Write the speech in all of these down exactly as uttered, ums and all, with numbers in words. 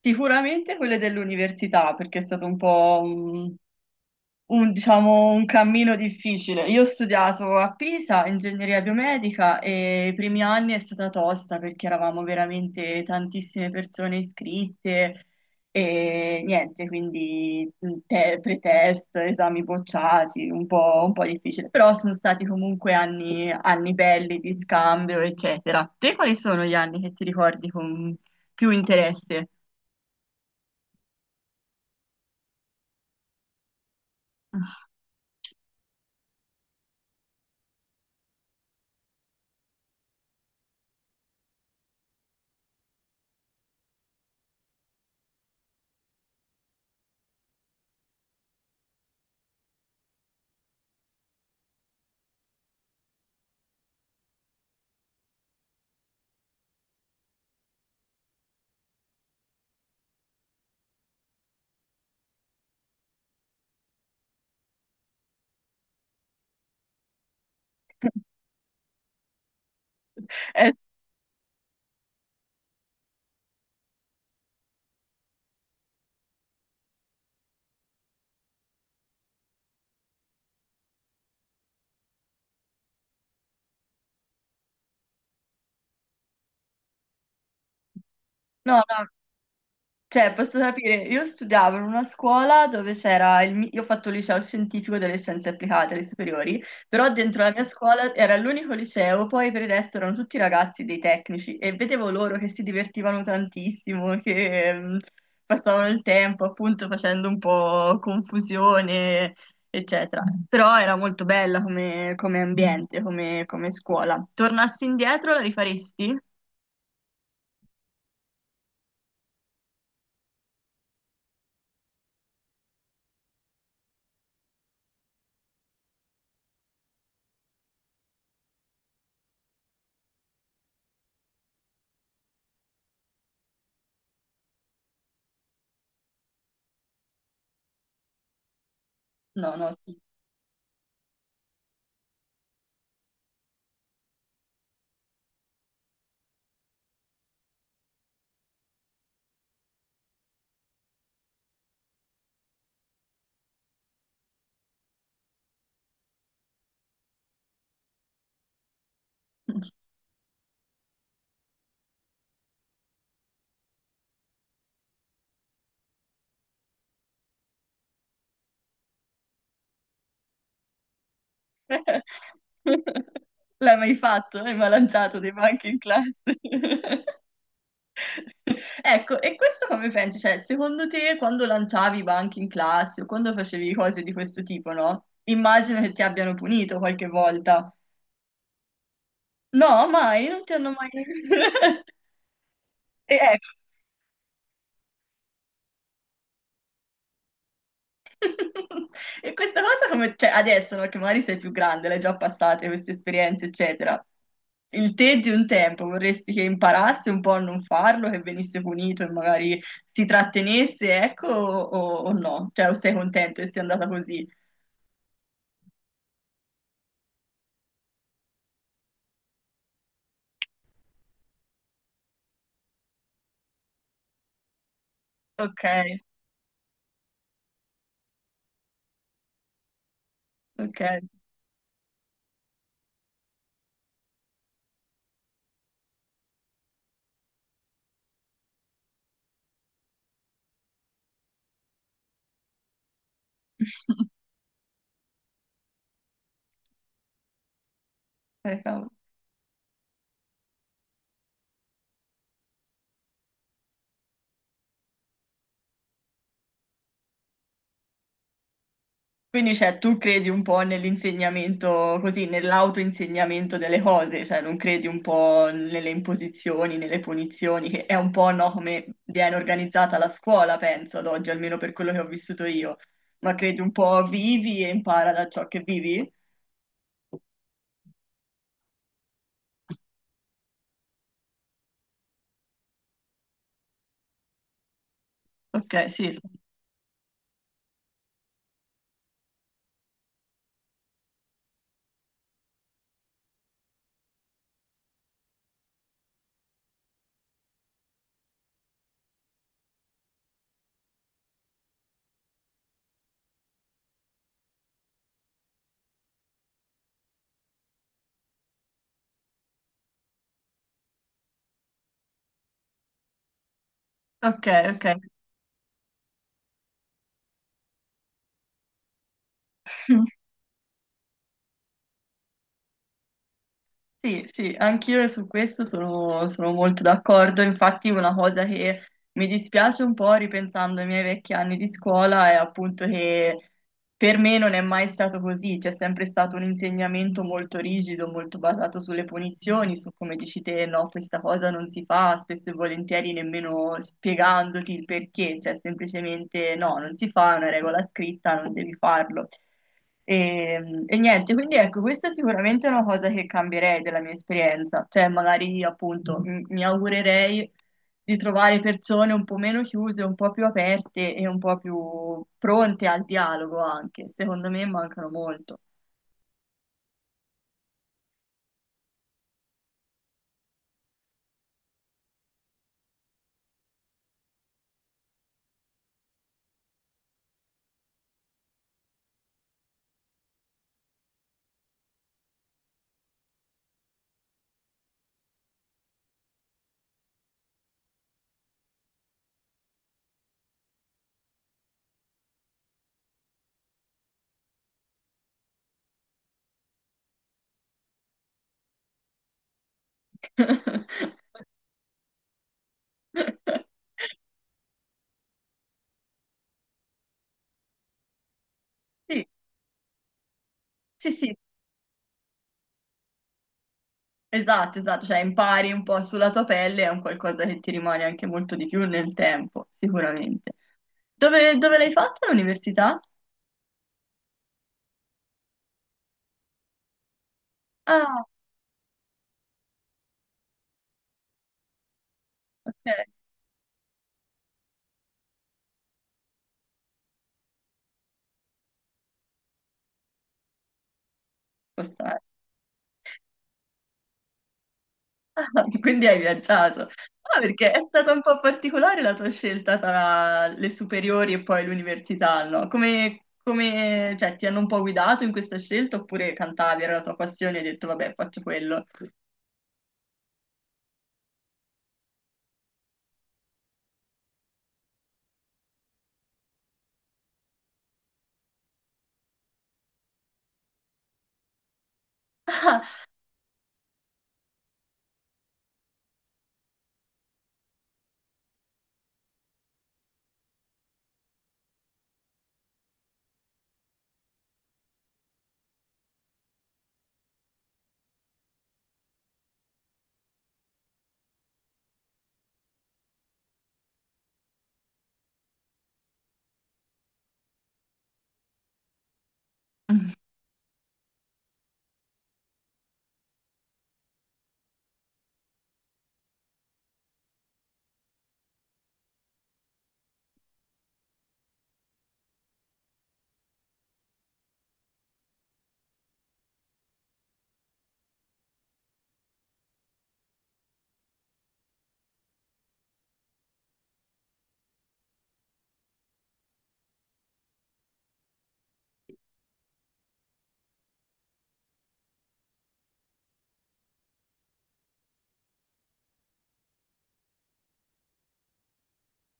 Sicuramente quelle dell'università, perché è stato un po' un, un, diciamo, un cammino difficile. Io ho studiato a Pisa ingegneria biomedica e i primi anni è stata tosta perché eravamo veramente tantissime persone iscritte e niente, quindi mm, te- pretest, esami bocciati, un po', un po' difficile. Però sono stati comunque anni, anni belli di scambio, eccetera. Te quali sono gli anni che ti ricordi con più interesse? Eh, s- no, no, cioè posso sapere, io studiavo in una scuola dove c'era il, mi- io ho fatto il liceo scientifico delle scienze applicate alle superiori, però dentro la mia scuola era l'unico liceo, poi per il resto erano tutti ragazzi dei tecnici e vedevo loro che si divertivano tantissimo, che ehm, passavano il tempo appunto facendo un po' confusione, eccetera. Però era molto bella come, come ambiente, come, come scuola. Tornassi indietro, la rifaresti? No, no, sì. L'hai mai fatto? Hai mai lanciato dei banchi in classe? Ecco, e questo come pensi? Cioè, secondo te quando lanciavi i banchi in classe o quando facevi cose di questo tipo, no? Immagino che ti abbiano punito qualche volta. No, mai, non ti hanno mai... E ecco. E questa cosa come, cioè, adesso, no, che magari sei più grande, l'hai già passate queste esperienze, eccetera. Il te di un tempo vorresti che imparasse un po' a non farlo, che venisse punito e magari si trattenesse, ecco, o, o no? Cioè, o sei contento che sia andata così? Ok, ok, eh, cavolo. Quindi, cioè, tu credi un po' nell'insegnamento, così, nell'autoinsegnamento delle cose, cioè non credi un po' nelle imposizioni, nelle punizioni, che è un po', no, come viene organizzata la scuola, penso, ad oggi, almeno per quello che ho vissuto io. Ma credi un po' vivi e impara da ciò che vivi? Ok, sì, sì. Ok, ok. Sì, sì, anch'io su questo sono, sono molto d'accordo. Infatti, una cosa che mi dispiace un po' ripensando ai miei vecchi anni di scuola è appunto che per me non è mai stato così, c'è sempre stato un insegnamento molto rigido, molto basato sulle punizioni, su come dici te, no, questa cosa non si fa, spesso e volentieri nemmeno spiegandoti il perché, cioè semplicemente no, non si fa, è una regola scritta, non devi farlo. E, e niente, quindi ecco, questa è sicuramente una cosa che cambierei della mia esperienza, cioè magari appunto m- mi augurerei di trovare persone un po' meno chiuse, un po' più aperte e un po' più pronte al dialogo anche. Secondo me mancano molto. Sì, sì, sì, esatto, esatto, cioè impari un po' sulla tua pelle, è un qualcosa che ti rimane anche molto di più nel tempo, sicuramente. Dove, dove l'hai fatta l'università? Ah, ok. Quindi hai viaggiato. Ah, perché è stata un po' particolare la tua scelta tra le superiori e poi l'università, no? Come, come- cioè, ti hanno un po' guidato in questa scelta oppure cantavi, era la tua passione e hai detto, vabbè, faccio quello. Ah,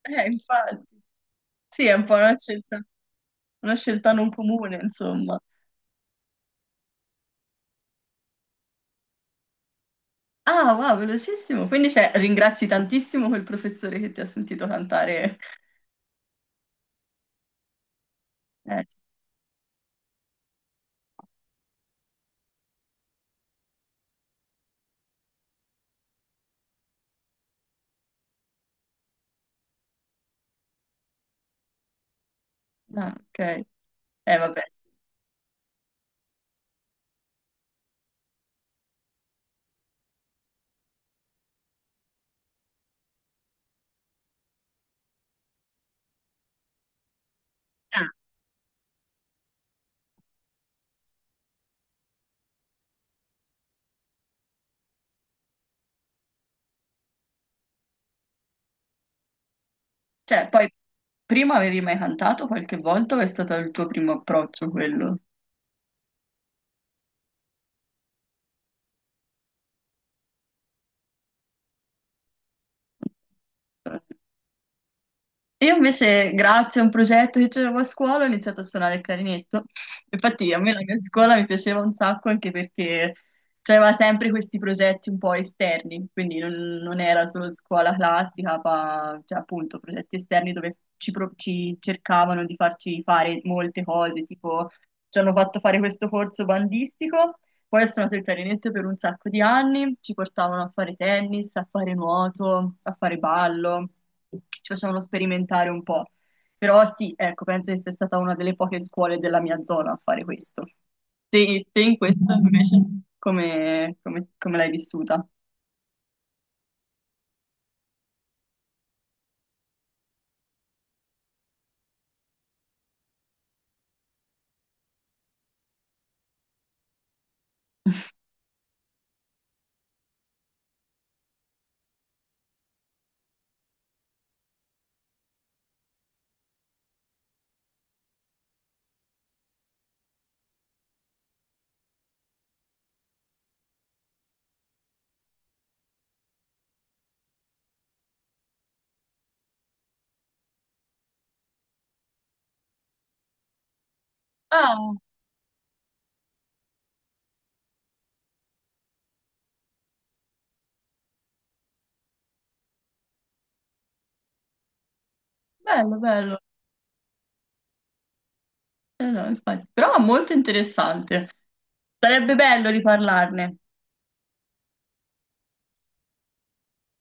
eh, infatti, sì, è un po' una scelta, una scelta non comune, insomma. Ah, wow, velocissimo. Quindi, cioè, ringrazi tantissimo quel professore che ti ha sentito cantare. Eh, ah, ok. Eh, vabbè. Ah. Cioè, poi prima avevi mai cantato qualche volta o è stato il tuo primo approccio quello? Io invece, grazie a un progetto che avevo a scuola, ho iniziato a suonare il clarinetto. Infatti, a me la mia scuola mi piaceva un sacco anche perché c'aveva sempre questi progetti un po' esterni, quindi non, non era solo scuola classica, ma cioè, appunto progetti esterni dove ci, pro- ci cercavano di farci fare molte cose, tipo ci hanno fatto fare questo corso bandistico, poi ho suonato il clarinetto per un sacco di anni, ci portavano a fare tennis, a fare nuoto, a fare ballo ci facevano sperimentare un po'. Però sì, ecco, penso che sia stata una delle poche scuole della mia zona a fare questo. Te, te in questo invece come, come- come l'hai vissuta? Ah, bello, bello. Eh no, infatti. Però molto interessante. Sarebbe bello riparlarne.